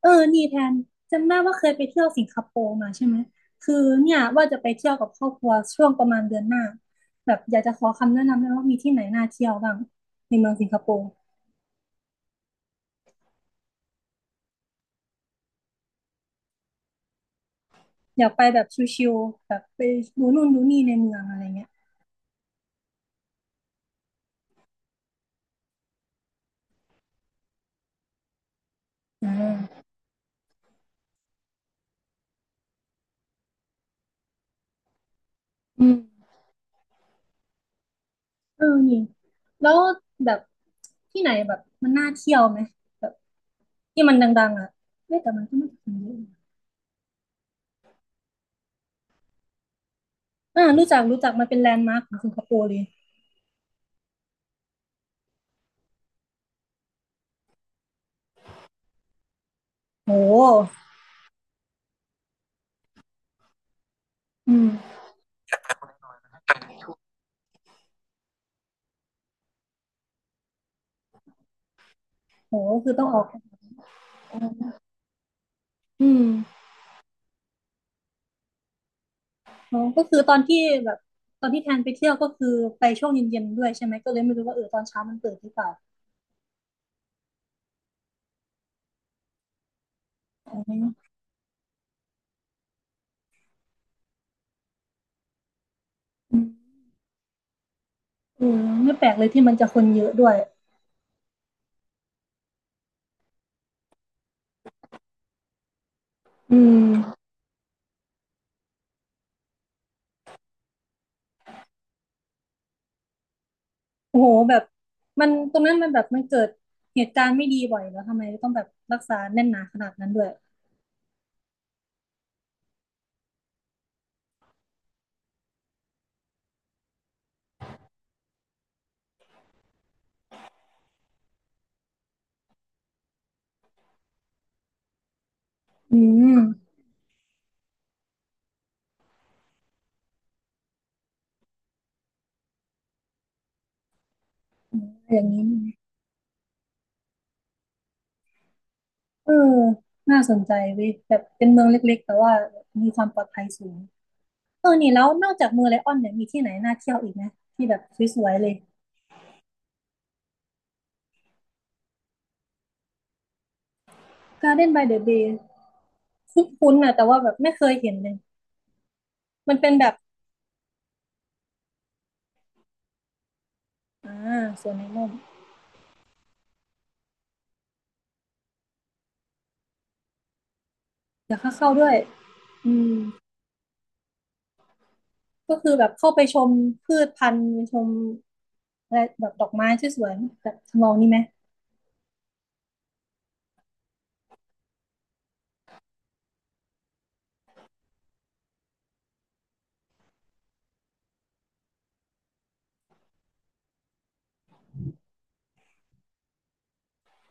เออนี่แทนจำได้ว่าเคยไปเที่ยวสิงคโปร์มาใช่ไหมคือเนี่ยว่าจะไปเที่ยวกับครอบครัวช่วงประมาณเดือนหน้าแบบอยากจะขอคำแนะนำด้วยว่ามีที่ไหนน่าเที่ยวบ้างในเมืองสิงคโปร์อยากไปแบบชิลๆแบบไปดูนู่นดูนี่ในเมืองอะไรเงี้ยอ่าอืมเออนี่แล้วแบบที่ไหนแบบมันน่าเที่ยวไหมแบบที่มันดังๆอ่ะเอ้แต่มันก็ไม่ถึงเยอะอ่ารู้จักรู้จักมันเป็นแลนด์มาร์คของสิงคโปร์เลยโหอืมโหคือต้องออกอืม อ๋อก็คือตอนที่แบบตอนที่แทนไปเที่ยวก็คือไปช่วงเย็นๆด้วยใช่ไหมก็เลยไม่รู้ว่าเออตอนเช้ามันเปิดหรือเปล่าอ๋ออืมเออไม่แปลกเลยที่มันจะคนเยอะด้วยอืมโอ้โหแบบมันตรงนั้นมันแบบมันเกิดเหตุการณ์ไม่ดีบ่อยแล้วทำไมต้องแบบรักษาแน่นหนาขนาดนั้นด้วยอืมอมอย่างนี้เออน่าสนใจเว้ยแบบเป็นเมืองเล็กๆแต่ว่ามีความปลอดภัยสูงเออนี่แล้วนอกจากเมืองไลออนเนี่ยมีที่ไหนน่าเที่ยวอีกไหมที่แบบสวยๆเลย Garden by the Bay คุ้นๆนะแต่ว่าแบบไม่เคยเห็นเลยมันเป็นแบบอ่าสวนในร่มเดี๋ยวค่าเข้าด้วยอืมก็คือแบบเข้าไปชมพืชพันธุ์ชมอะไรแบบดอกไม้ที่สวนแบบทำนองนี้ไหม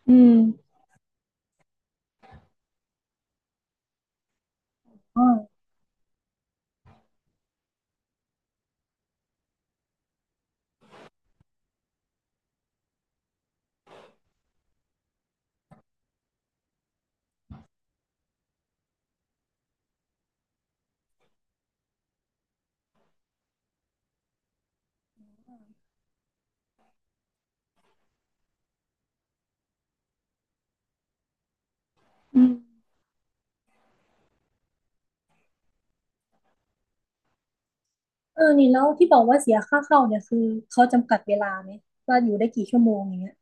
อืมอ๋ออืมเออนี่แล้วที่บอกว่าเสียค่าเข้าเนี่ยคือเขาจำกัดเวลาไหมว่าอยู่ได้กี่ชั่วโมงอย่างเงี้ย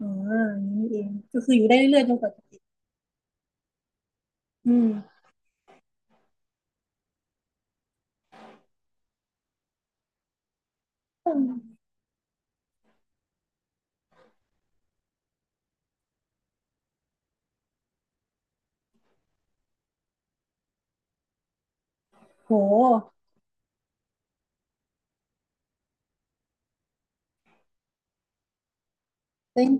อ๋ออย่างนี้นี่เองก็คืออยู่ได้เรื่อยๆจนกว่าจะปิดอืมอืมโหเป็น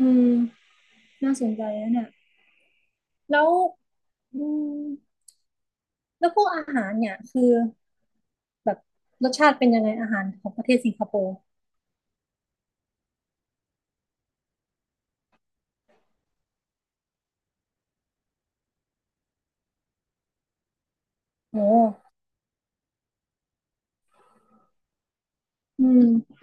อืมน่าสนใจนะเนี่ยแล้วอืม แล้วพวกอาหารเนี่ยคือแบบรสชาติเป็นยังไงอาหารของประเทศสิงคโปร์โอ้อืม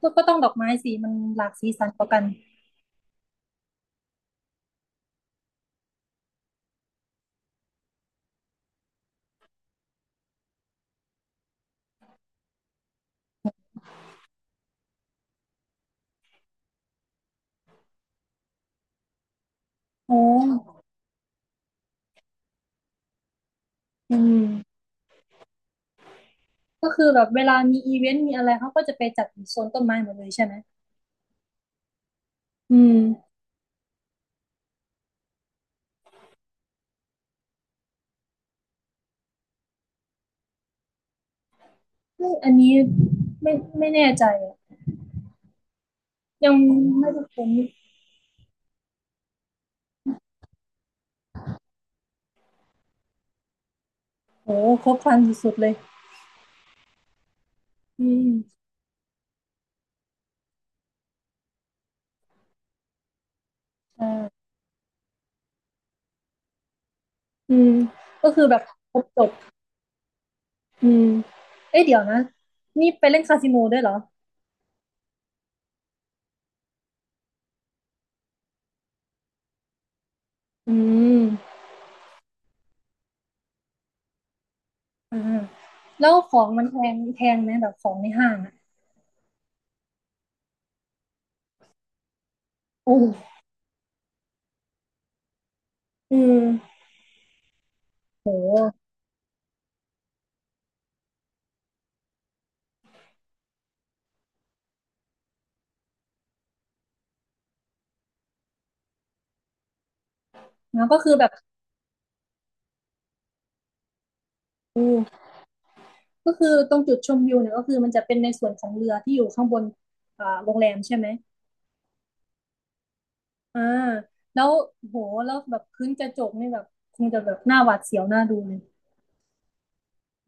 ก็ก็ต้องดอกไม้สีมันหลากสีสันกว่ากันโอ้อืมก็คือแบบเวลามีอีเวนต์มีอะไรเขาก็จะไปจัดอยู่โซนต้นไม้หมดเลยใช่ไหมอืมเฮ้ยอันนี้ไม่ไม่แน่ใจอะยังไม่ได้ค้นโอ้ครบครันสุดๆเลยอืมใช่อืมก็คือแบบครบจบอืมเอ้ยเดี๋ยวนะนี่ไปเล่นคาสิโนด้วยเหรออืม อ่าแล้วของมันแพงแพงไหมแบบของในห้างอ่ะโอืมอืมโหแล้วก็คือแบบอืมก็คือตรงจุดชมวิวเนี่ยก็คือมันจะเป็นในส่วนของเรือที่อยู่ข้างบนอ่าโรงแรมใช่ไหมอ่าแล้วโหแล้วแบบพื้นกระจกนี่แบบคงจะแบบหน้าหวาดเสียวหน้าดูเลย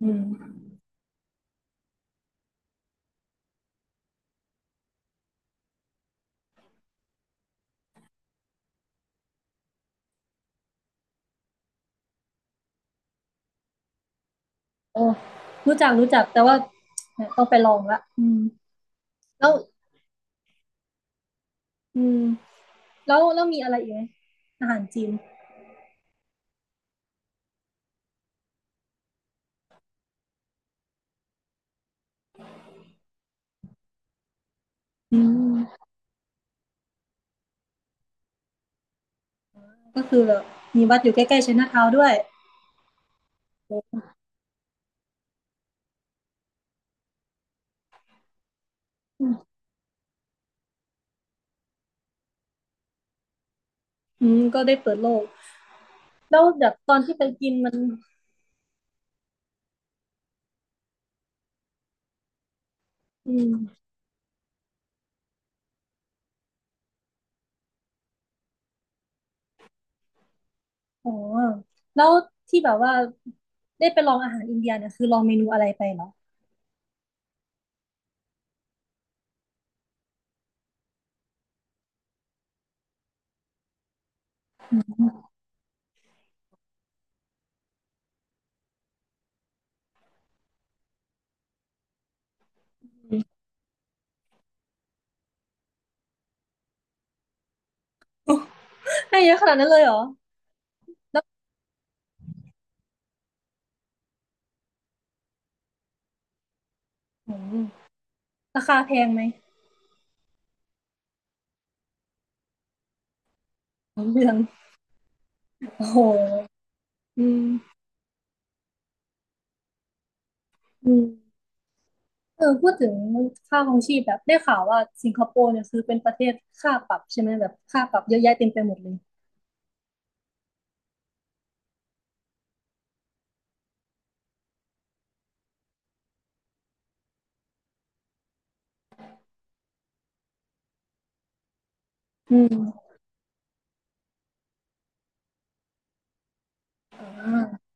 อืมโอ้รู้จักรู้จักแต่ว่าเนี่ยต้องไปลองละแล้วอืมแล้วแล้วมีอะไรอีกไหมอาหารจีนอืมก็คือแบบมีวัดอยู่ใกล้ๆไชน่าทาวน์ด้วย ก็ได้เปิดโลกแล้วแบบตอนที่ไปกินมันอืมอ๋อแล้วที่แบบว่าได้ไปลองอาหารอินเดียเนี่ยคือลองเมนูอะไรไปเหรอให้เยอะขนาดนั้นเลยเหรอแล้วอืมราคาแพงไหมสองเดือนโอ้โหอืมอืมเออพูดถึงค่าครองชีพแบบได้ข่าวว่าสิงคโปร์เนี่ยคือเป็นประเทศค่าปรับใช่ไหมแบบค่าปรับเยอะแยะเต็มไปหมดเลยอืมอ่า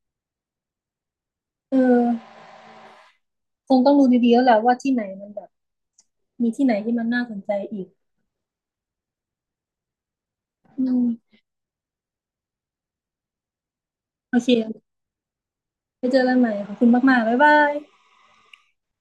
เออคงต้องดูดีๆแล้วแหละว่าที่ไหนมันแบบมีที่ไหนที่มันน่าสนใจอีกอืม โอเคไว้เจอกันใหม่ ขอบคุณมากๆบ๊ายบาย